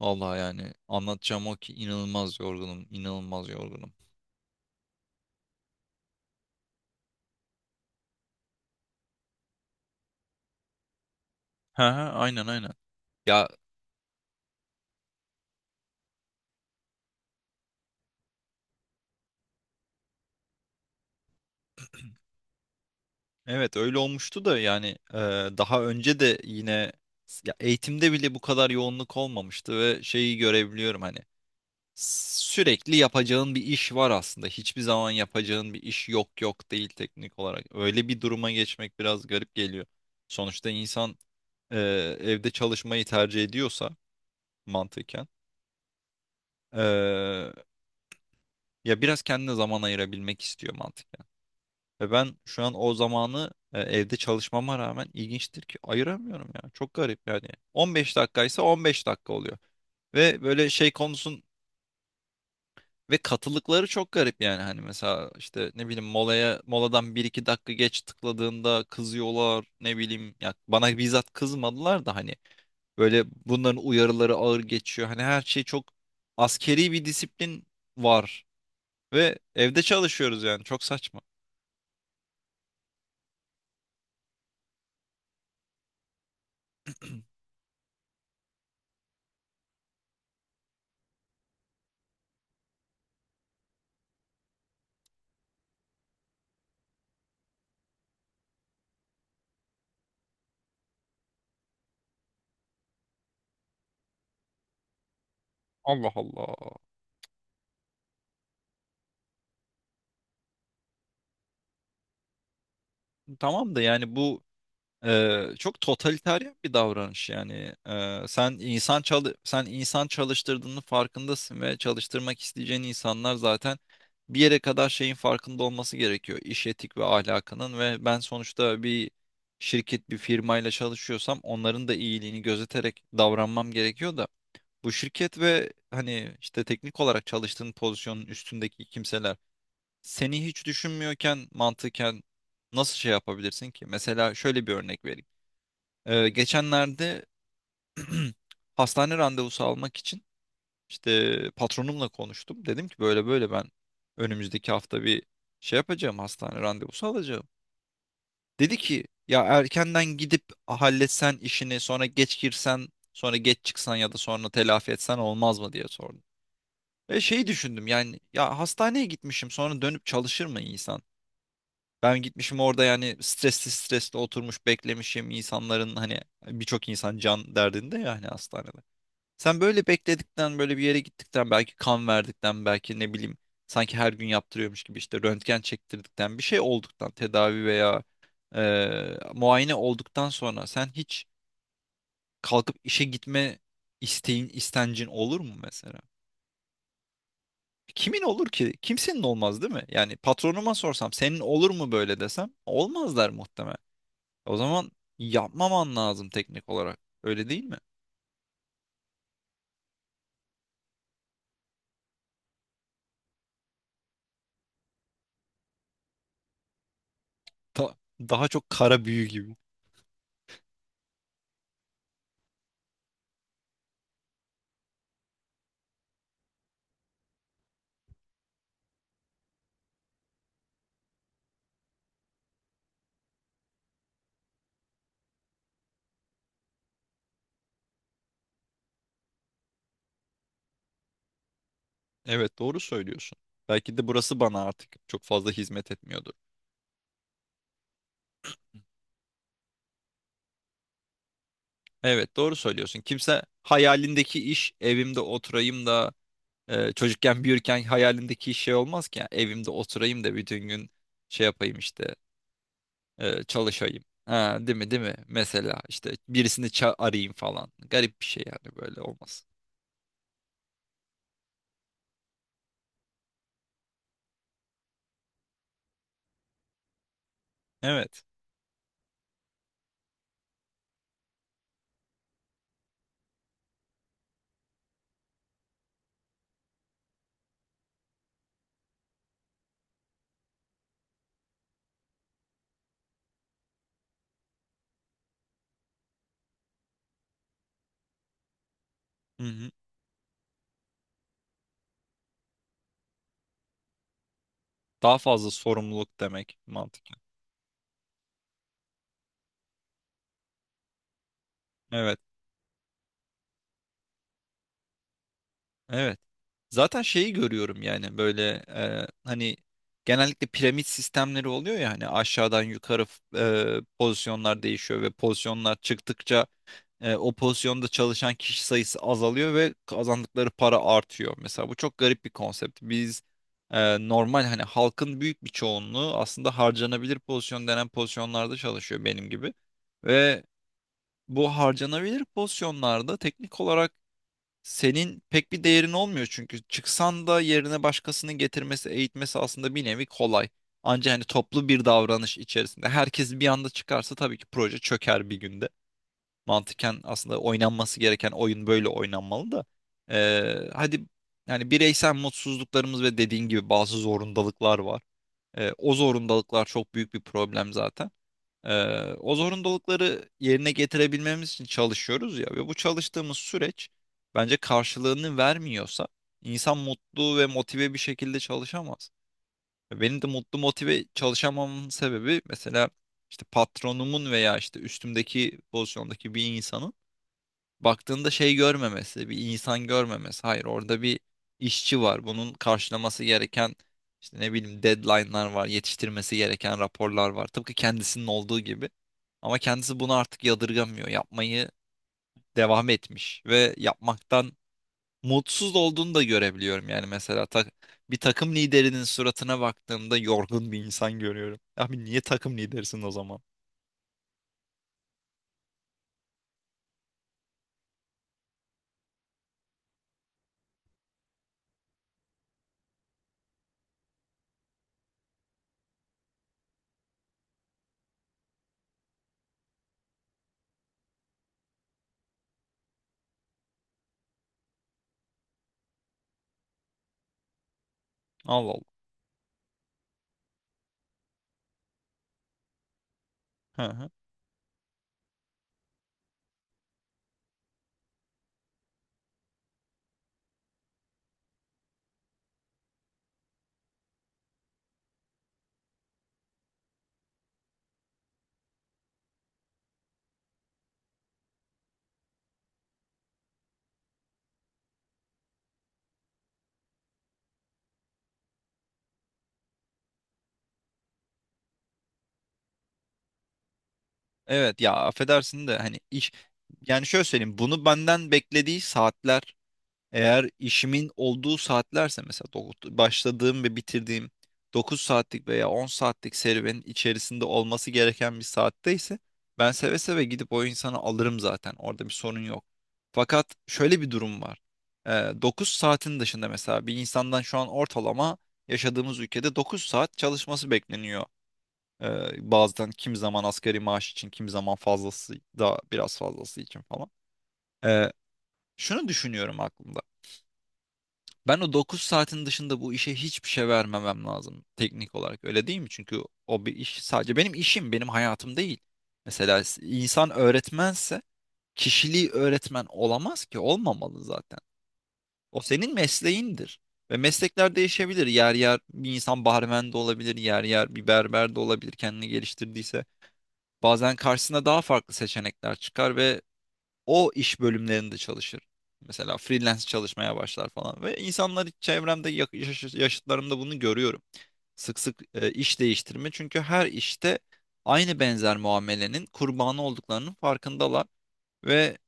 Vallahi yani anlatacağım o ki inanılmaz yorgunum, inanılmaz yorgunum. He he aynen aynen. Ya evet öyle olmuştu da yani e, daha önce de yine ya eğitimde bile bu kadar yoğunluk olmamıştı ve şeyi görebiliyorum hani sürekli yapacağın bir iş var aslında. Hiçbir zaman yapacağın bir iş yok yok değil teknik olarak. Öyle bir duruma geçmek biraz garip geliyor. Sonuçta insan e, evde çalışmayı tercih ediyorsa mantıken. Ya biraz kendine zaman ayırabilmek istiyor mantıken. Ve ben şu an o zamanı evde çalışmama rağmen ilginçtir ki ayıramıyorum ya. Çok garip yani. 15 dakikaysa 15 dakika oluyor. Ve böyle şey konusun ve katılıkları çok garip yani. Hani mesela işte ne bileyim moladan bir iki dakika geç tıkladığında kızıyorlar. Ne bileyim ya bana bizzat kızmadılar da hani böyle bunların uyarıları ağır geçiyor. Hani her şey çok askeri bir disiplin var. Ve evde çalışıyoruz yani çok saçma. Allah Allah. Tamam da yani bu çok totalitarian bir davranış yani. Sen insan çalıştırdığının farkındasın ve çalıştırmak isteyeceğin insanlar zaten bir yere kadar şeyin farkında olması gerekiyor. İş etik ve ahlakının ve ben sonuçta bir firmayla çalışıyorsam onların da iyiliğini gözeterek davranmam gerekiyor da bu şirket ve hani işte teknik olarak çalıştığın pozisyonun üstündeki kimseler seni hiç düşünmüyorken mantıken nasıl şey yapabilirsin ki? Mesela şöyle bir örnek vereyim. Geçenlerde hastane randevusu almak için işte patronumla konuştum. Dedim ki böyle böyle ben önümüzdeki hafta bir şey yapacağım, hastane randevusu alacağım. Dedi ki ya erkenden gidip halletsen işini sonra geç girsen sonra geç çıksan ya da sonra telafi etsen olmaz mı diye sordum. Ve şey düşündüm yani ya hastaneye gitmişim sonra dönüp çalışır mı insan? Ben gitmişim orada yani stresli stresli oturmuş beklemişim insanların hani birçok insan can derdinde ya hani hastanede. Sen böyle bekledikten böyle bir yere gittikten belki kan verdikten belki ne bileyim sanki her gün yaptırıyormuş gibi işte röntgen çektirdikten bir şey olduktan tedavi veya muayene olduktan sonra sen hiç kalkıp işe gitme isteğin istencin olur mu mesela? Kimin olur ki? Kimsenin olmaz değil mi? Yani patronuma sorsam senin olur mu böyle desem olmazlar muhtemelen. O zaman yapmaman lazım teknik olarak. Öyle değil mi? Daha çok kara büyü gibi. Evet doğru söylüyorsun. Belki de burası bana artık çok fazla hizmet etmiyordur. Evet doğru söylüyorsun. Kimse hayalindeki iş evimde oturayım da çocukken büyürken hayalindeki iş şey olmaz ki. Yani evimde oturayım da bütün gün şey yapayım işte çalışayım. Ha, değil mi değil mi? Mesela işte birisini arayayım falan. Garip bir şey yani böyle olmaz. Evet. Hı hı. Daha fazla sorumluluk demek mantıklı. Evet. Evet. Zaten şeyi görüyorum yani böyle hani genellikle piramit sistemleri oluyor ya hani aşağıdan yukarı pozisyonlar değişiyor ve pozisyonlar çıktıkça o pozisyonda çalışan kişi sayısı azalıyor ve kazandıkları para artıyor. Mesela bu çok garip bir konsept. Biz normal hani halkın büyük bir çoğunluğu aslında harcanabilir pozisyon denen pozisyonlarda çalışıyor benim gibi. Ve bu harcanabilir pozisyonlarda teknik olarak senin pek bir değerin olmuyor çünkü çıksan da yerine başkasının getirmesi, eğitmesi aslında bir nevi kolay. Ancak hani toplu bir davranış içerisinde herkes bir anda çıkarsa tabii ki proje çöker bir günde. Mantıken aslında oynanması gereken oyun böyle oynanmalı da. Hadi yani bireysel mutsuzluklarımız ve dediğin gibi bazı zorundalıklar var. O zorundalıklar çok büyük bir problem zaten. O zorunlulukları yerine getirebilmemiz için çalışıyoruz ya ve bu çalıştığımız süreç bence karşılığını vermiyorsa insan mutlu ve motive bir şekilde çalışamaz. Benim de mutlu motive çalışamamın sebebi mesela işte patronumun veya işte üstümdeki pozisyondaki bir insanın baktığında şey görmemesi, bir insan görmemesi. Hayır, orada bir işçi var. Bunun karşılaması gereken işte ne bileyim deadline'lar var, yetiştirmesi gereken raporlar var. Tıpkı kendisinin olduğu gibi. Ama kendisi bunu artık yadırgamıyor. Yapmayı devam etmiş ve yapmaktan mutsuz olduğunu da görebiliyorum. Yani mesela bir takım liderinin suratına baktığımda yorgun bir insan görüyorum. Abi niye takım liderisin o zaman? Allah Allah. Hı hı. Evet ya affedersin de hani iş yani şöyle söyleyeyim bunu benden beklediği saatler eğer işimin olduğu saatlerse mesela başladığım ve bitirdiğim 9 saatlik veya 10 saatlik serüvenin içerisinde olması gereken bir saatte ise ben seve seve gidip o insanı alırım, zaten orada bir sorun yok. Fakat şöyle bir durum var. Ee, 9 saatin dışında mesela bir insandan şu an ortalama yaşadığımız ülkede 9 saat çalışması bekleniyor. Bazen kim zaman asgari maaş için, kim zaman fazlası da biraz fazlası için falan. Ee, Şunu düşünüyorum aklımda. Ben o 9 saatin dışında bu işe hiçbir şey vermemem lazım teknik olarak. Öyle değil mi? Çünkü o bir iş sadece benim işim, benim hayatım değil. Mesela insan öğretmense kişiliği öğretmen olamaz ki, olmamalı zaten. O senin mesleğindir. Ve meslekler değişebilir. Yer yer bir insan barmen de olabilir, yer yer bir berber de olabilir kendini geliştirdiyse. Bazen karşısına daha farklı seçenekler çıkar ve o iş bölümlerinde çalışır. Mesela freelance çalışmaya başlar falan ve insanlar çevremde yaşıtlarımda bunu görüyorum. Sık sık iş değiştirme çünkü her işte aynı benzer muamelenin kurbanı olduklarının farkındalar ve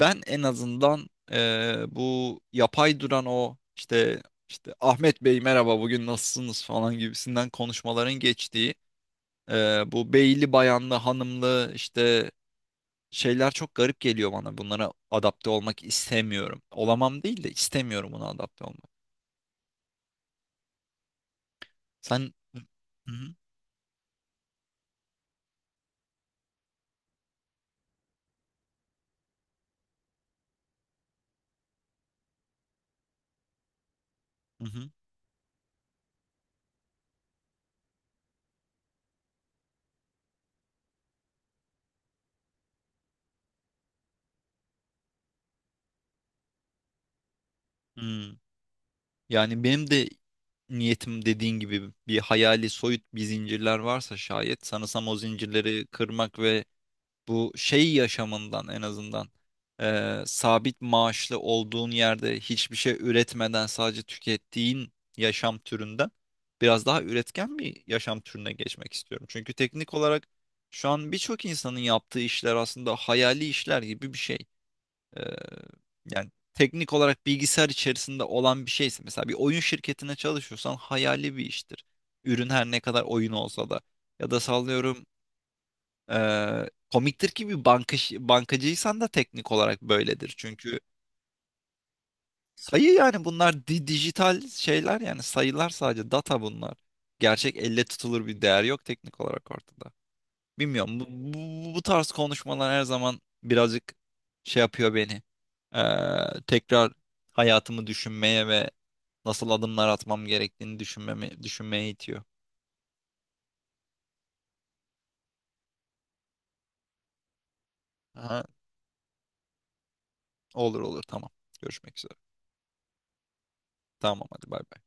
ben en azından bu yapay duran o işte Ahmet Bey merhaba bugün nasılsınız falan gibisinden konuşmaların geçtiği bu beyli bayanlı hanımlı işte şeyler çok garip geliyor bana. Bunlara adapte olmak istemiyorum. Olamam değil de istemiyorum buna adapte olmak. Hı hı, hı hı, hı. Yani benim de niyetim dediğin gibi bir hayali soyut bir zincirler varsa şayet sanırsam o zincirleri kırmak ve bu şey yaşamından en azından sabit maaşlı olduğun yerde hiçbir şey üretmeden sadece tükettiğin yaşam türünden biraz daha üretken bir yaşam türüne geçmek istiyorum. Çünkü teknik olarak şu an birçok insanın yaptığı işler aslında hayali işler gibi bir şey. Eee, Yani teknik olarak bilgisayar içerisinde olan bir şeyse mesela bir oyun şirketine çalışıyorsan hayali bir iştir. Ürün her ne kadar oyun olsa da ya da sallıyorum komiktir ki bankacıysan da teknik olarak böyledir. Çünkü sayı yani bunlar dijital şeyler yani sayılar sadece data bunlar. Gerçek elle tutulur bir değer yok teknik olarak ortada. Bilmiyorum bu tarz konuşmalar her zaman birazcık şey yapıyor beni. Tekrar hayatımı düşünmeye ve nasıl adımlar atmam gerektiğini düşünmeme, düşünmeye itiyor. Aha, olur olur tamam. Görüşmek üzere. Tamam hadi bay bay.